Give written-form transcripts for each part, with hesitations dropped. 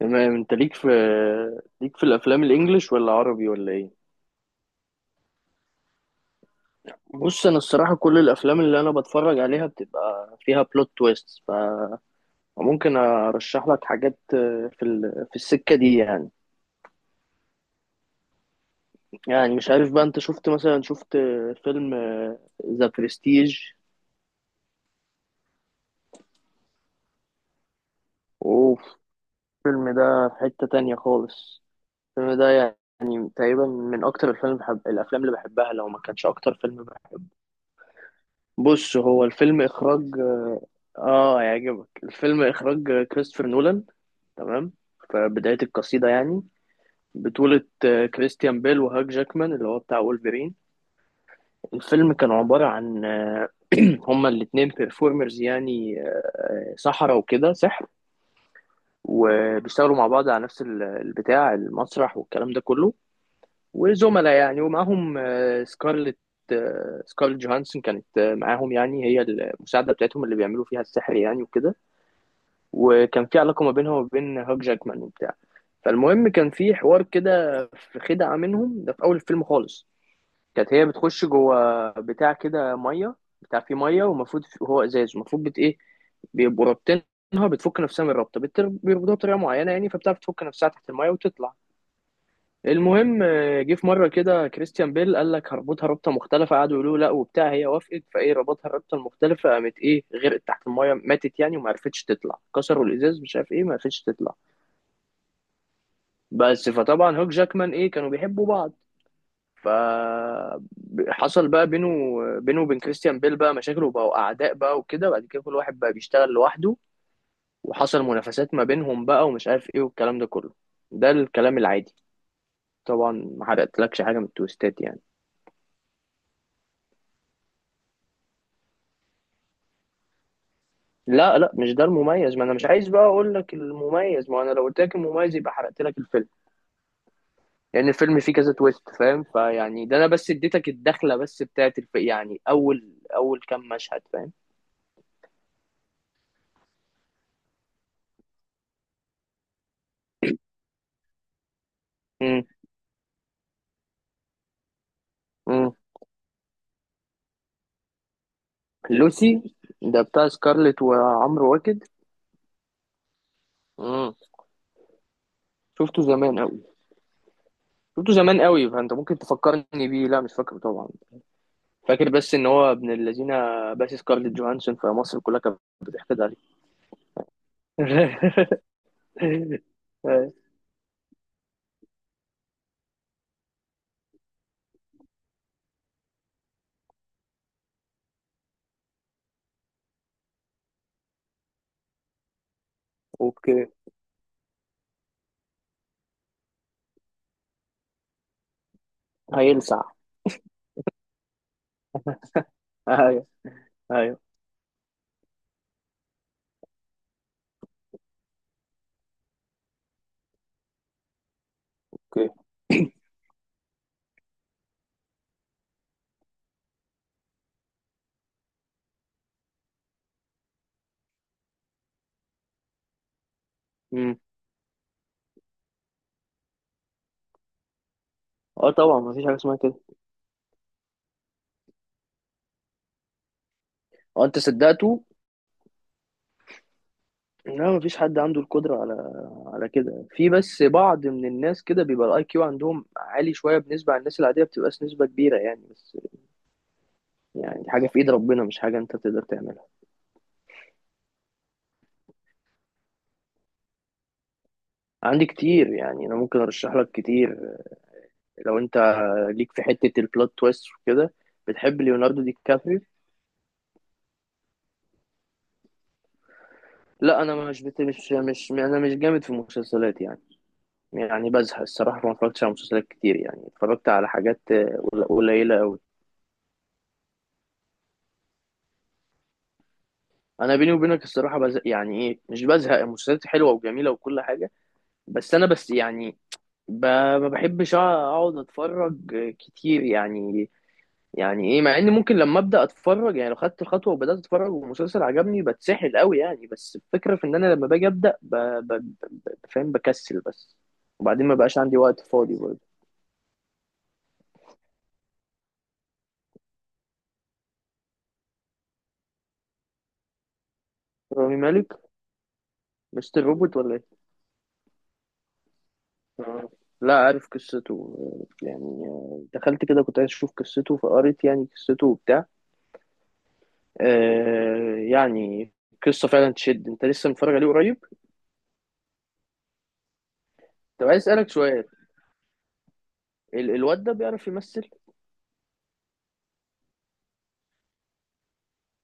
تمام، انت ليك في الافلام الانجليش ولا عربي ولا ايه؟ بص، انا الصراحه كل الافلام اللي انا بتفرج عليها بتبقى فيها بلوت تويست، فممكن ارشح لك حاجات في السكه دي يعني. يعني مش عارف بقى، انت شفت مثلا، فيلم ذا برستيج؟ اوف، الفيلم ده في حته تانية خالص. الفيلم ده يعني تقريبا من اكتر الافلام اللي بحبها، لو ما كانش اكتر فيلم. بص، هو الفيلم اخراج، اه هيعجبك، الفيلم اخراج كريستوفر نولان. تمام، في بداية القصيدة يعني، بطولة كريستيان بيل وهاك جاكمان اللي هو بتاع وولفرين. الفيلم كان عبارة عن هما الاتنين بيرفورمرز يعني، سحرة وكده، سحر، وبيشتغلوا مع بعض على نفس البتاع، المسرح والكلام ده كله، وزملاء يعني. ومعاهم سكارلت جوهانسون كانت معاهم، يعني هي المساعدة بتاعتهم اللي بيعملوا فيها السحر يعني وكده. وكان في علاقة ما بينها وبين هاك جاكمان وبتاع. فالمهم، كان في حوار كده، في خدعة منهم، ده في أول الفيلم خالص. كانت هي بتخش جوه بتاع كده مية، بتاع فيه مية، ومفروض هو إزاز، المفروض بت إيه، بيبقوا رابطينها، بتفك نفسها من الرابطة، بيربطوها بطريقة معينة يعني، فبتعرف تفك نفسها تحت المية وتطلع. المهم جه في مره كده كريستيان بيل قال لك هربطها ربطه مختلفه، قعدوا يقولوا له لا وبتاع، هي وافقت، فايه، ربطها الربطه المختلفه، قامت ايه، غرقت تحت المايه، ماتت يعني وما عرفتش تطلع، كسروا الازاز مش عارف ايه، ما عرفتش تطلع. بس فطبعا هوك جاكمان ايه، كانوا بيحبوا بعض. ف حصل بقى بينه وبين كريستيان بيل بقى مشاكل، وبقوا اعداء بقى وكده، بعد كده كل واحد بقى بيشتغل لوحده، وحصل منافسات ما بينهم بقى ومش عارف ايه والكلام ده كله. ده الكلام العادي طبعا، ما حرقتلكش حاجه من التويستات يعني. لا لا، مش ده المميز. ما انا مش عايز بقى اقول لك المميز، ما انا لو قلت لك المميز يبقى حرقت لك الفيلم. لان الفيلم فيه كذا تويست، فاهم؟ فيعني ده انا بس اديتك الدخله بس بتاعت يعني اول، كام مشهد، فاهم؟ امم امم لوسي. ده بتاع سكارلت وعمرو واكد. امم، شفته زمان قوي. شفته زمان قوي فانت ممكن تفكرني بيه، لا مش فاكره طبعا. فاكر بس ان هو ابن الذين، بس سكارلت جوهانسون في مصر كلها كانت بتحقد عليه. اوكي. هيلسع. ايوه. ايوه. اوكي. امم. اه طبعا، مفيش حاجه اسمها كده. هو انت صدقته؟ لا مفيش حد عنده القدره على، على كده. في بس بعض من الناس كده بيبقى الاي كيو عندهم عالي شويه بالنسبه عن الناس العاديه، بتبقاش نسبه كبيره يعني بس. يعني حاجه في ايد ربنا، مش حاجه انت تقدر تعملها. عندي كتير يعني، انا ممكن ارشح لك كتير. لو انت ليك في حته البلوت تويست وكده. بتحب ليوناردو دي كابريو؟ لا انا مش بت... مش مش انا مش جامد في المسلسلات يعني. يعني بزهق الصراحة، ما اتفرجتش على مسلسلات كتير يعني. اتفرجت على حاجات قليلة أوي. أنا بيني وبينك الصراحة بزهق. يعني إيه، مش بزهق، المسلسلات حلوة وجميلة وكل حاجة، بس أنا بس يعني، ب... ما بحبش أقعد أتفرج كتير يعني. يعني إيه، مع إن ممكن لما أبدأ أتفرج، يعني لو خدت الخطوة وبدأت أتفرج والمسلسل عجبني بتسحل أوي يعني، بس الفكرة في إن أنا لما باجي أبدأ فاهم، بكسل بس. وبعدين ما بقاش عندي وقت فاضي برضه. رامي مالك، مستر روبوت ولا إيه؟ آه. لا عارف قصته يعني، دخلت كده كنت عايز اشوف قصته فقريت يعني قصته وبتاع. آه يعني قصة فعلا تشد. انت لسه متفرج عليه قريب؟ طب عايز اسألك سؤال، الواد ده بيعرف يمثل؟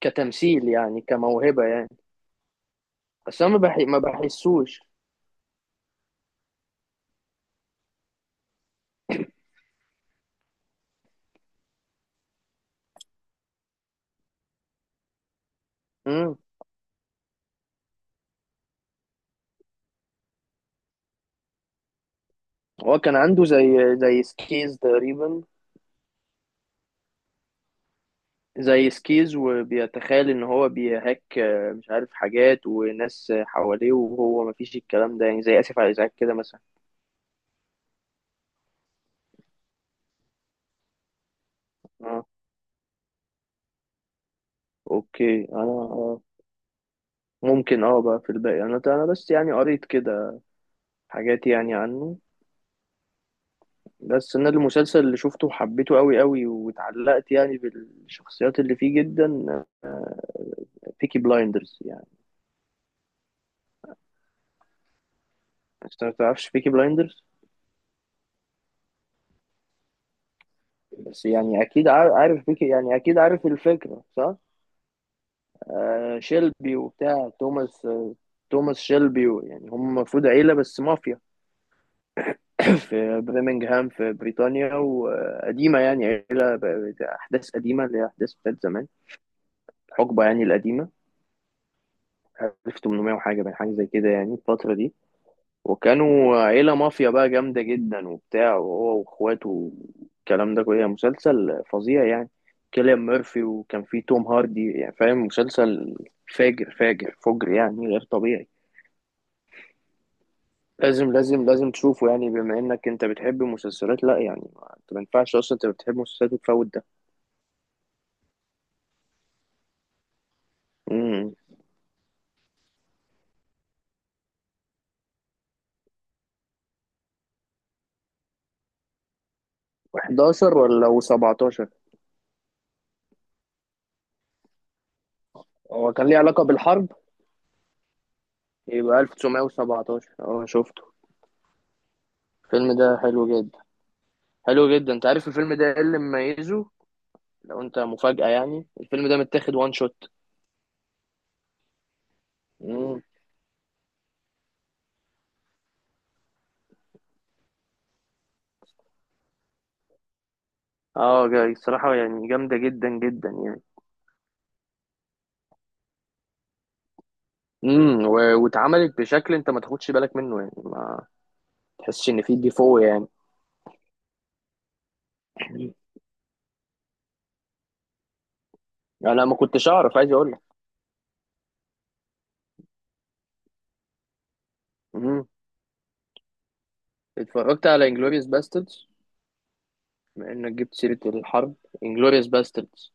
كتمثيل يعني، كموهبة يعني؟ بس انا ما بحسوش. مم. هو كان عنده زي، سكيز تقريبا. زي سكيز وبيتخيل ان هو بيهاك، مش عارف حاجات وناس حواليه، وهو ما فيش الكلام ده يعني، زي اسف على الازعاج كده مثلا. اوكي انا، ممكن اه بقى في الباقي. انا بس يعني قريت كده حاجات يعني عنه. بس انا المسلسل اللي شفته وحبيته قوي قوي واتعلقت يعني بالشخصيات اللي فيه جدا، بيكي بلايندرز يعني. انت ما تعرفش بيكي بلايندرز؟ بس يعني اكيد عارف بيكي يعني، اكيد عارف الفكرة صح؟ آه شيلبي وبتاع، توماس توماس شيلبي يعني. هم المفروض عيلة بس مافيا في برمنغهام في بريطانيا، وقديمة يعني، عيلة أحداث قديمة، اللي هي أحداث بتاعت زمان، الحقبة يعني القديمة، 1800 وحاجة، بين حاجة زي كده يعني الفترة دي. وكانوا عيلة مافيا بقى جامدة جدا وبتاع، وهو وإخواته والكلام ده كله. مسلسل فظيع يعني، كيليان ميرفي وكان فيه توم هاردي، يعني فاهم، مسلسل فاجر فاجر فجر يعني، غير طبيعي. لازم لازم لازم تشوفه يعني، بما انك انت بتحب المسلسلات. لا يعني، انت ما ينفعش اصلا انت بتحب المسلسلات وتفوت ده. امم. 11 ولا و17؟ هو كان ليه علاقة بالحرب؟ يبقى 1917، اه شفته. الفيلم ده حلو جدا. حلو جدا، انت عارف الفيلم ده ايه اللي مميزه؟ لو انت، مفاجأة يعني، الفيلم ده متاخد وان شوت. امم، اه جاي الصراحة، يعني جامدة جدا جدا يعني. امم، واتعملت بشكل انت ما تاخدش بالك منه يعني، ما تحسش ان في ديفو يعني. انا ما كنتش اعرف، عايز اقول لك. امم. اتفرجت على انجلوريوس باستردز؟ بما انك جبت سيرة الحرب، انجلوريوس باستردز.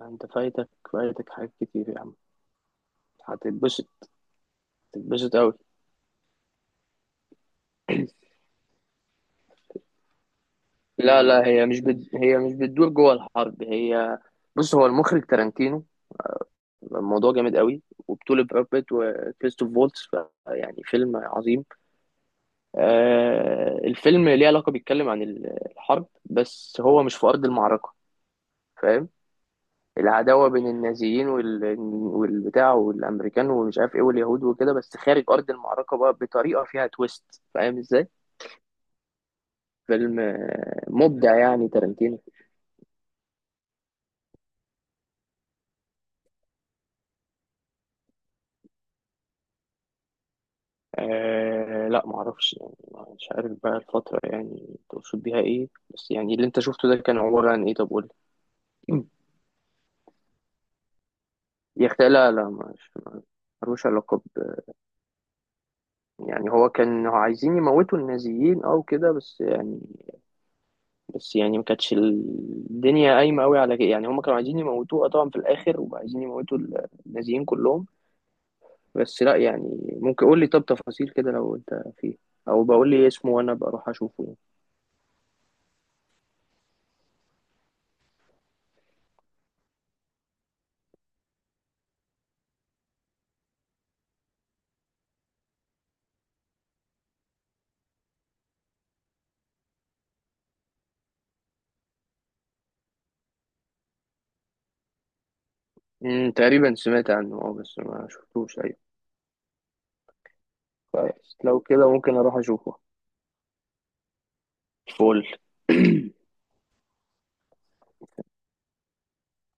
انت فايتك، حاجات كتير يا عم، هتتبسط، تتبسط قوي. لا لا، هي مش بتدور جوه الحرب. هي، بص، هو المخرج تارانتينو. الموضوع جامد قوي، وبطولة براد بيت وكريستوف فولتس، يعني فيلم عظيم. آه الفيلم ليه علاقة، بيتكلم عن الحرب، بس هو مش في أرض المعركة، فاهم؟ العداوة بين النازيين والبتاع والأمريكان ومش عارف إيه واليهود وكده، بس خارج أرض المعركة بقى، بطريقة فيها تويست، فاهم إزاي؟ فيلم مبدع يعني تارنتينو. آه لا معرفش يعني، مش عارف بقى الفترة يعني تقصد بيها ايه، بس يعني اللي انت شفته ده كان عبارة عن ايه؟ طب قول لي. يا اختي لا لا، مش، ملوش علاقة ب... يعني هو كان عايزين يموتوا النازيين او كده، بس يعني، بس يعني ما كانتش الدنيا قايمة قوي على كده يعني، هم كانوا عايزين يموتوه طبعا في الاخر، وعايزين يموتوا النازيين كلهم، بس. لا يعني، ممكن قول لي طب تفاصيل كده لو انت فيه، او بقول لي إيه اسمه وانا بروح اشوفه يعني. مم، تقريبا سمعت عنه اه بس ما شفتوش. ايوه بس لو كده ممكن اروح اشوفه. فول.